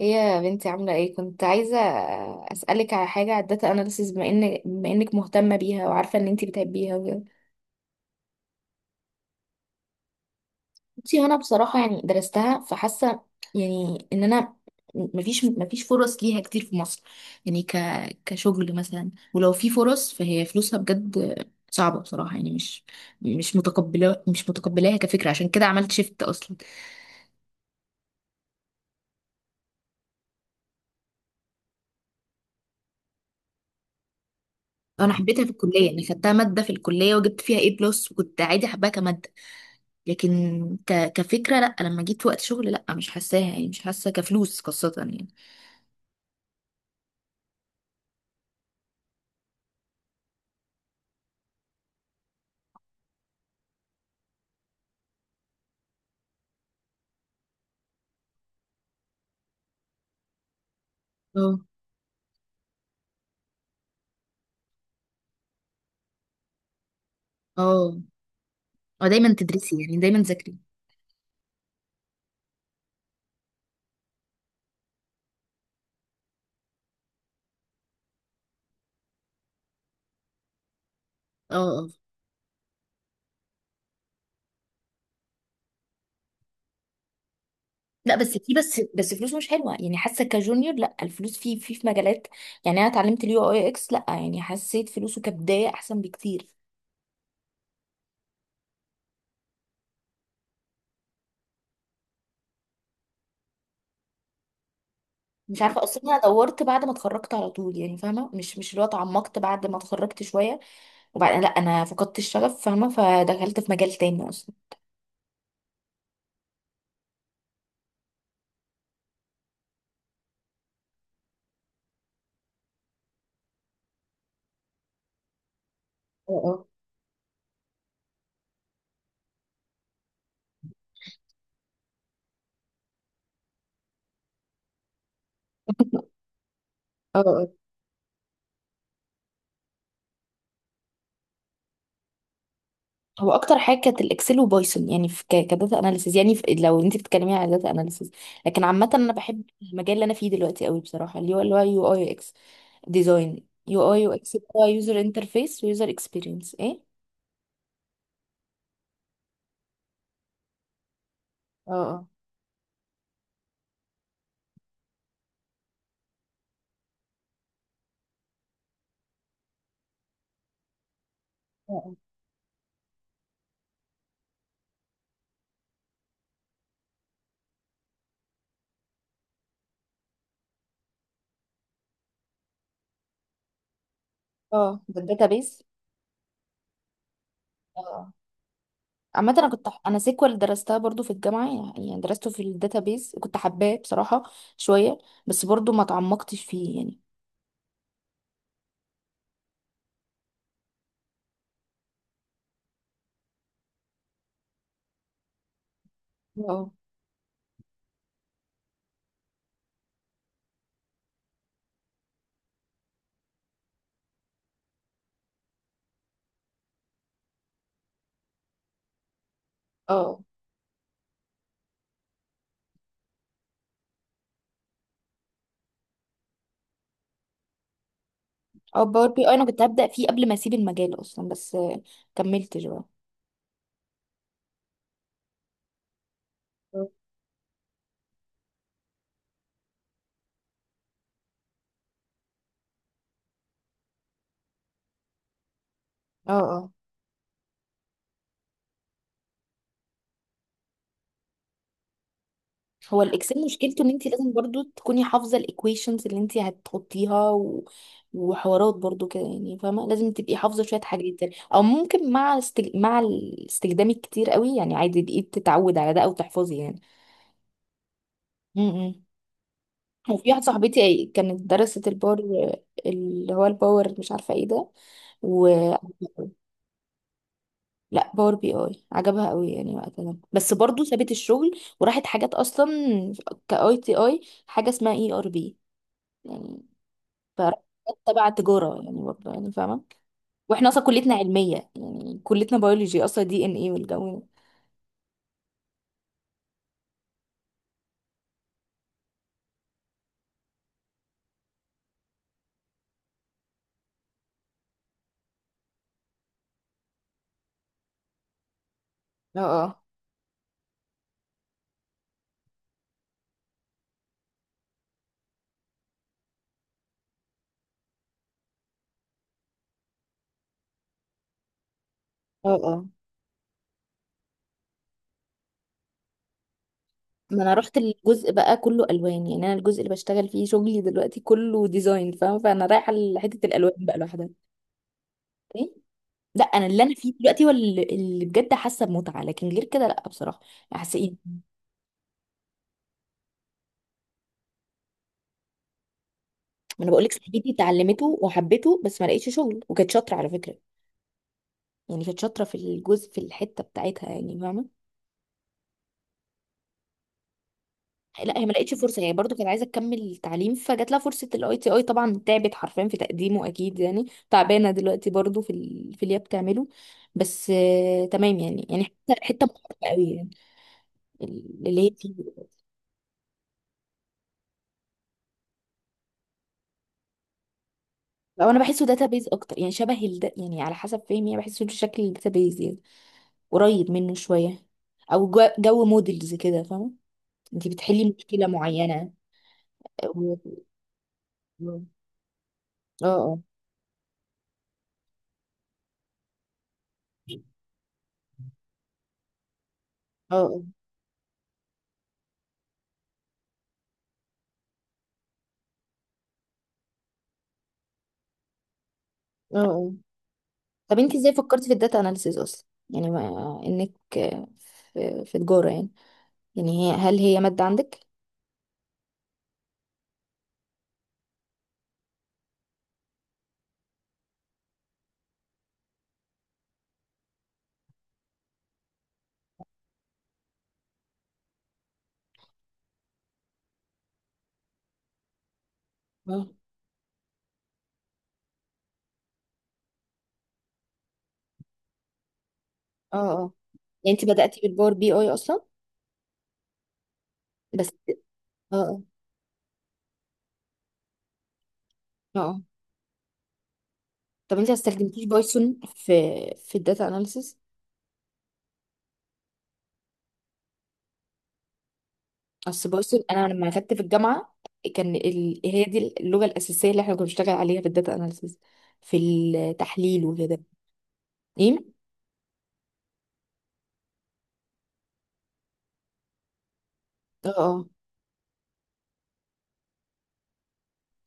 ايه يا بنتي، عاملة ايه؟ كنت عايزة اسألك على حاجة على الداتا اناليسيز، بما انك مهتمة بيها وعارفة ان انتي بتحبيها وكده. بصي انا بصراحة يعني درستها، فحاسة يعني ان انا مفيش فرص ليها كتير في مصر، يعني كشغل مثلا. ولو في فرص فهي فلوسها بجد صعبة بصراحة، يعني مش متقبلاها كفكرة، عشان كده عملت شيفت اصلا. انا حبيتها في الكلية، يعني خدتها مادة في الكلية وجبت فيها ايه بلس، وكنت عادي حباها كمادة. لكن كفكرة لا، لما جيت وقت شغل لا، مش حاساها، يعني مش حاسة كفلوس خاصة يعني. اه، اه، اه دايما تدرسي، يعني دايما تذاكري. اه، اه، لا، بس في بس بس فلوس مش حلوة، يعني حاسة كجونيور لا، الفلوس في مجالات. يعني انا اتعلمت اليو اي اكس، لا يعني حسيت فلوسه كبداية احسن بكتير. مش عارفة اصلا، انا دورت بعد ما اتخرجت على طول، يعني فاهمة مش اللي هو اتعمقت بعد ما اتخرجت شوية. وبعد، لا، انا فقدت الشغف فاهمة، فدخلت في مجال تاني اصلا. اه، اه، اه. هو اكتر حاجه كانت الاكسل وبايثون، يعني في كداتا اناليسيز، يعني في، لو انت بتتكلمي على داتا اناليسيز. لكن عامه انا بحب المجال اللي انا فيه دلوقتي قوي بصراحه، اللي هو يو اي يو اكس ديزاين. يو اي يو اكس هو يوزر انترفيس ويوزر اكسبيرينس، ايه. اه، اه، اه الداتا بيز. اه، عامة انا كنت، انا سيكوال درستها برضو في الجامعة، يعني درسته في الداتابيز، كنت حباه بصراحة شوية، بس برضو ما تعمقتش فيه يعني. اه، اه، اه باور بي اي انا كنت هبدأ فيه قبل ما اسيب المجال اصلا، بس كملتش بقى. اه، اه، هو الاكسل مشكلته ان انت لازم برضو تكوني حافظه الايكويشنز اللي انت هتحطيها وحوارات برضو كده، يعني فاهمه لازم تبقي حافظه شويه حاجات يعني، او ممكن مع مع الاستخدام الكتير قوي، يعني عادي بقيت تتعود على ده او تحفظي يعني. امم وفي واحده صاحبتي كانت درست الباور، اللي هو الباور مش عارفه ايه ده و... لا، باور بي اي عجبها قوي يعني وقتها، بس برضو سابت الشغل وراحت حاجات اصلا. كاي تي اي، حاجه اسمها اي ار بي يعني، فراحت تبع تجاره يعني، برضو يعني فاهمه. واحنا اصلا كليتنا علميه، يعني كليتنا بيولوجي اصلا، دي ان اي والجو. ده. اه، اه، اه، اه، ما انا رحت الجزء بقى كله الوان، يعني انا الجزء اللي بشتغل فيه شغلي دلوقتي كله ديزاين فاهمه، فانا رايحه لحته الالوان بقى لوحدها. ايه، لا انا اللي انا فيه دلوقتي هو اللي بجد حاسه بمتعه، لكن غير كده لا بصراحه حاسه. ما انا بقولك صاحبتي اتعلمته وحبته، بس ما لقيتش شغل، وكانت شاطره على فكره. يعني كانت شاطره في الجزء، في الحته بتاعتها، يعني فاهمه. لا، هي ما لقيتش فرصه، هي برضو كانت عايزه تكمل تعليم، فجات لها فرصه الاي تي اي، طبعا تعبت حرفيا في تقديمه اكيد، يعني تعبانه دلوقتي برضو في اللي هي بتعمله. بس تمام يعني حته حته محترمه قوي يعني اللي هي فيه. او انا بحسه داتابيز اكتر، يعني شبه يعني على حسب فهمي، يعني بحسه شكل الداتابيز، يعني قريب منه شويه. او جو موديلز كده فاهمه، انت بتحلي مشكلة معينة و... و- اه، اه، اه، اه، اه، آه. طب انت ازاي فكرتي في الداتا اناليسيز اصلا، يعني ما انك آه، في، في تجارة يعني هل هي مادة عندك؟ اه، اه، اه، يعني انت بدأتي بالباور بي اي اصلا؟ بس اه، اه، اه، آه. طب انت ما استخدمتيش بايثون في الداتا اناليسيز؟ اصل بايثون انا لما اخدت في الجامعة كان هي دي اللغة الأساسية اللي احنا كنا بنشتغل عليها في الداتا اناليسيز، في التحليل وكده. ايه؟ اه، اه.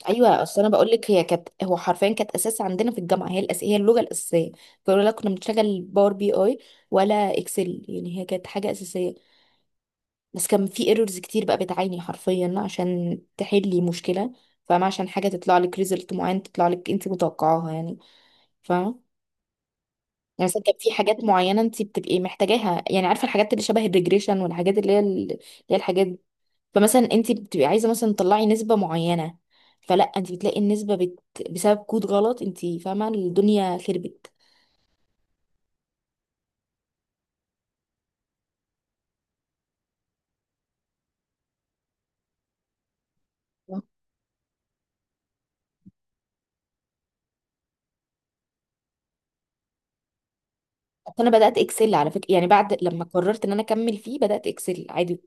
ايوه، اصل انا بقول لك هي كانت، هو حرفيا كانت اساس عندنا في الجامعه، هي هي اللغه الاساسيه، فيقولوا لا، كنا بنشتغل باور بي اي ولا اكسل، يعني هي كانت حاجه اساسيه. بس كان في ايرورز كتير، بقى بتعاني حرفيا عشان تحلي مشكله، فاهمه، عشان حاجه تطلع لك ريزلت معين تطلع لك انت متوقعاها يعني، فاهمه. يعني مثلا كان في حاجات معينه انت بتبقي محتاجاها، يعني عارفه الحاجات اللي شبه الريجريشن، والحاجات اللي هي اللي هي الحاجات. فمثلا انت بتبقي عايزه مثلا تطلعي نسبه معينه، فلا، انت بتلاقي النسبه بسبب كود غلط انت فاهمه، الدنيا خربت. بس انا بدات اكسل على فكره، يعني بعد لما قررت ان انا اكمل فيه بدات اكسل عادي.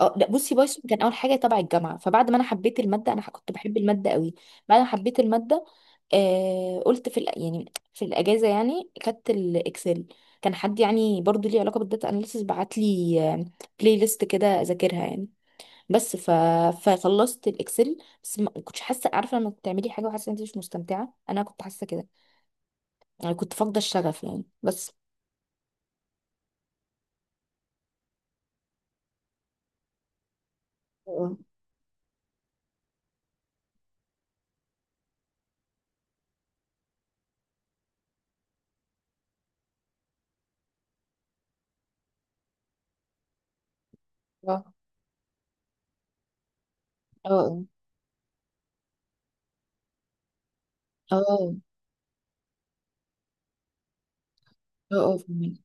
اه، لا، بصي بايثون كان اول حاجه تبع الجامعه، فبعد ما انا حبيت الماده، انا كنت بحب الماده قوي. بعد ما حبيت الماده، قلت يعني في الاجازه، يعني خدت الاكسل. كان حد يعني برضو ليه علاقه بالداتا اناليسيس بعت لي بلاي ليست كده اذاكرها يعني، بس ف... فخلصت الاكسل. بس ما كنتش حاسه، عارفه لما بتعملي حاجه وحاسه ان انت مش مستمتعه، انا كنت حاسه كده. انا كنت فاقده الشغف يعني، بس اه، اه، اه، اه، اه فهمك.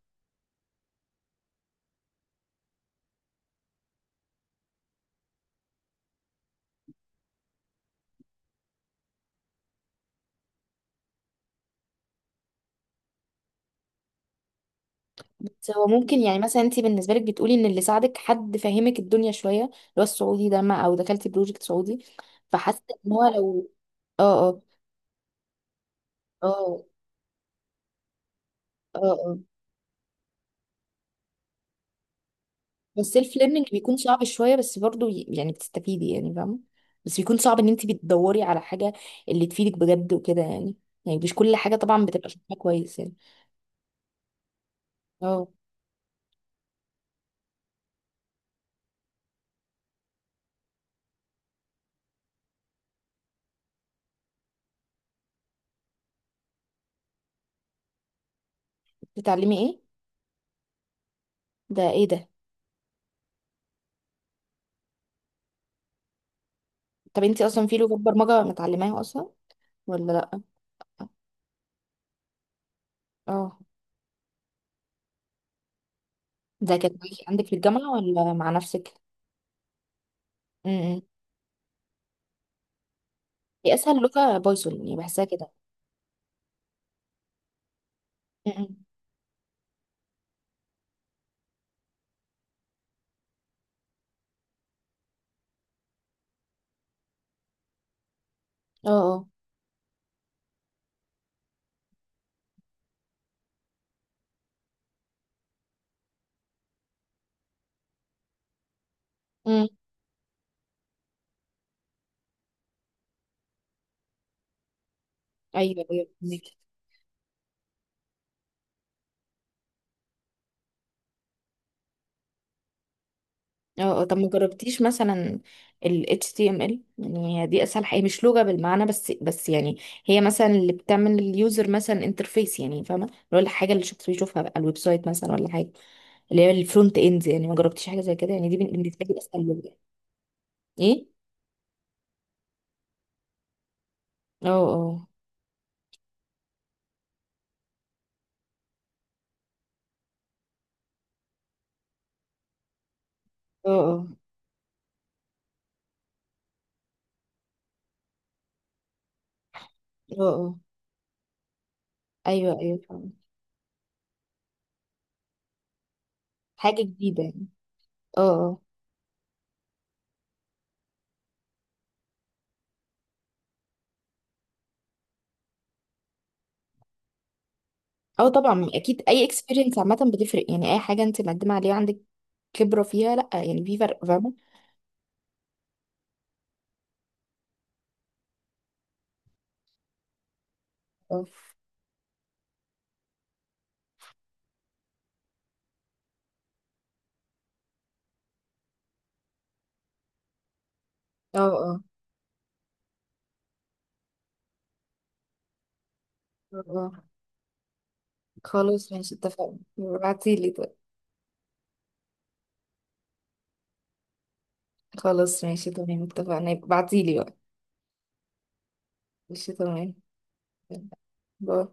بس هو ممكن، يعني مثلا انت بالنسبه لك بتقولي ان اللي ساعدك حد فاهمك الدنيا شويه، اللي هو السعودي ده، ما او دخلتي بروجكت سعودي، فحاسه ان هو لو. اه، اه، اه، اه، والسيلف ليرنينج بيكون صعب شويه، بس برضو يعني بتستفيدي يعني فاهمه. بس بيكون صعب ان انت بتدوري على حاجه اللي تفيدك بجد وكده يعني مش كل حاجه طبعا بتبقى شايفاها كويس يعني. اه، بتتعلمي ايه؟ ده ايه ده؟ طب انت اصلا في لغه برمجه متعلماها اصلا ولا لا؟ اه، ده كانت عندك في الجامعه ولا مع نفسك؟ امم هي اسهل لغه بايثون، يعني بحسها كده. امم، اه، اه، امم، ايوه، ايوه فهمك. اه، آه، طب ما جربتيش مثلا ال HTML؟ يعني هي دي اسهل حاجه، مش لغه بالمعنى، بس يعني. هي مثلا اللي بتعمل اليوزر مثلا انترفيس، يعني فاهمه، اللي هو الحاجه اللي الشخص بيشوفها بقى الويب سايت مثلا ولا حاجه، اللي هي الفرونت اند. يعني ما جربتيش حاجه زي كده؟ يعني دي بالنسبه لي اسهل لغه. ايه، اه، اه، اه، اه، اه، آه. ايوه، ايوه فاهمه، حاجه جديده يعني. اه، اه، اه، طبعا اكيد اي اكسبيرينس عامه بتفرق، يعني اي حاجه انت مقدمه عليها عندك خبره فيها، لا يعني في فرق فاهمه. اه، اه، اه، اه، خلاص ماشي اتفقنا، ابعتيلي طيب. خلاص ماشي تمام، اتفقنا ابعتيلي بقى. ماشي تمام. باي.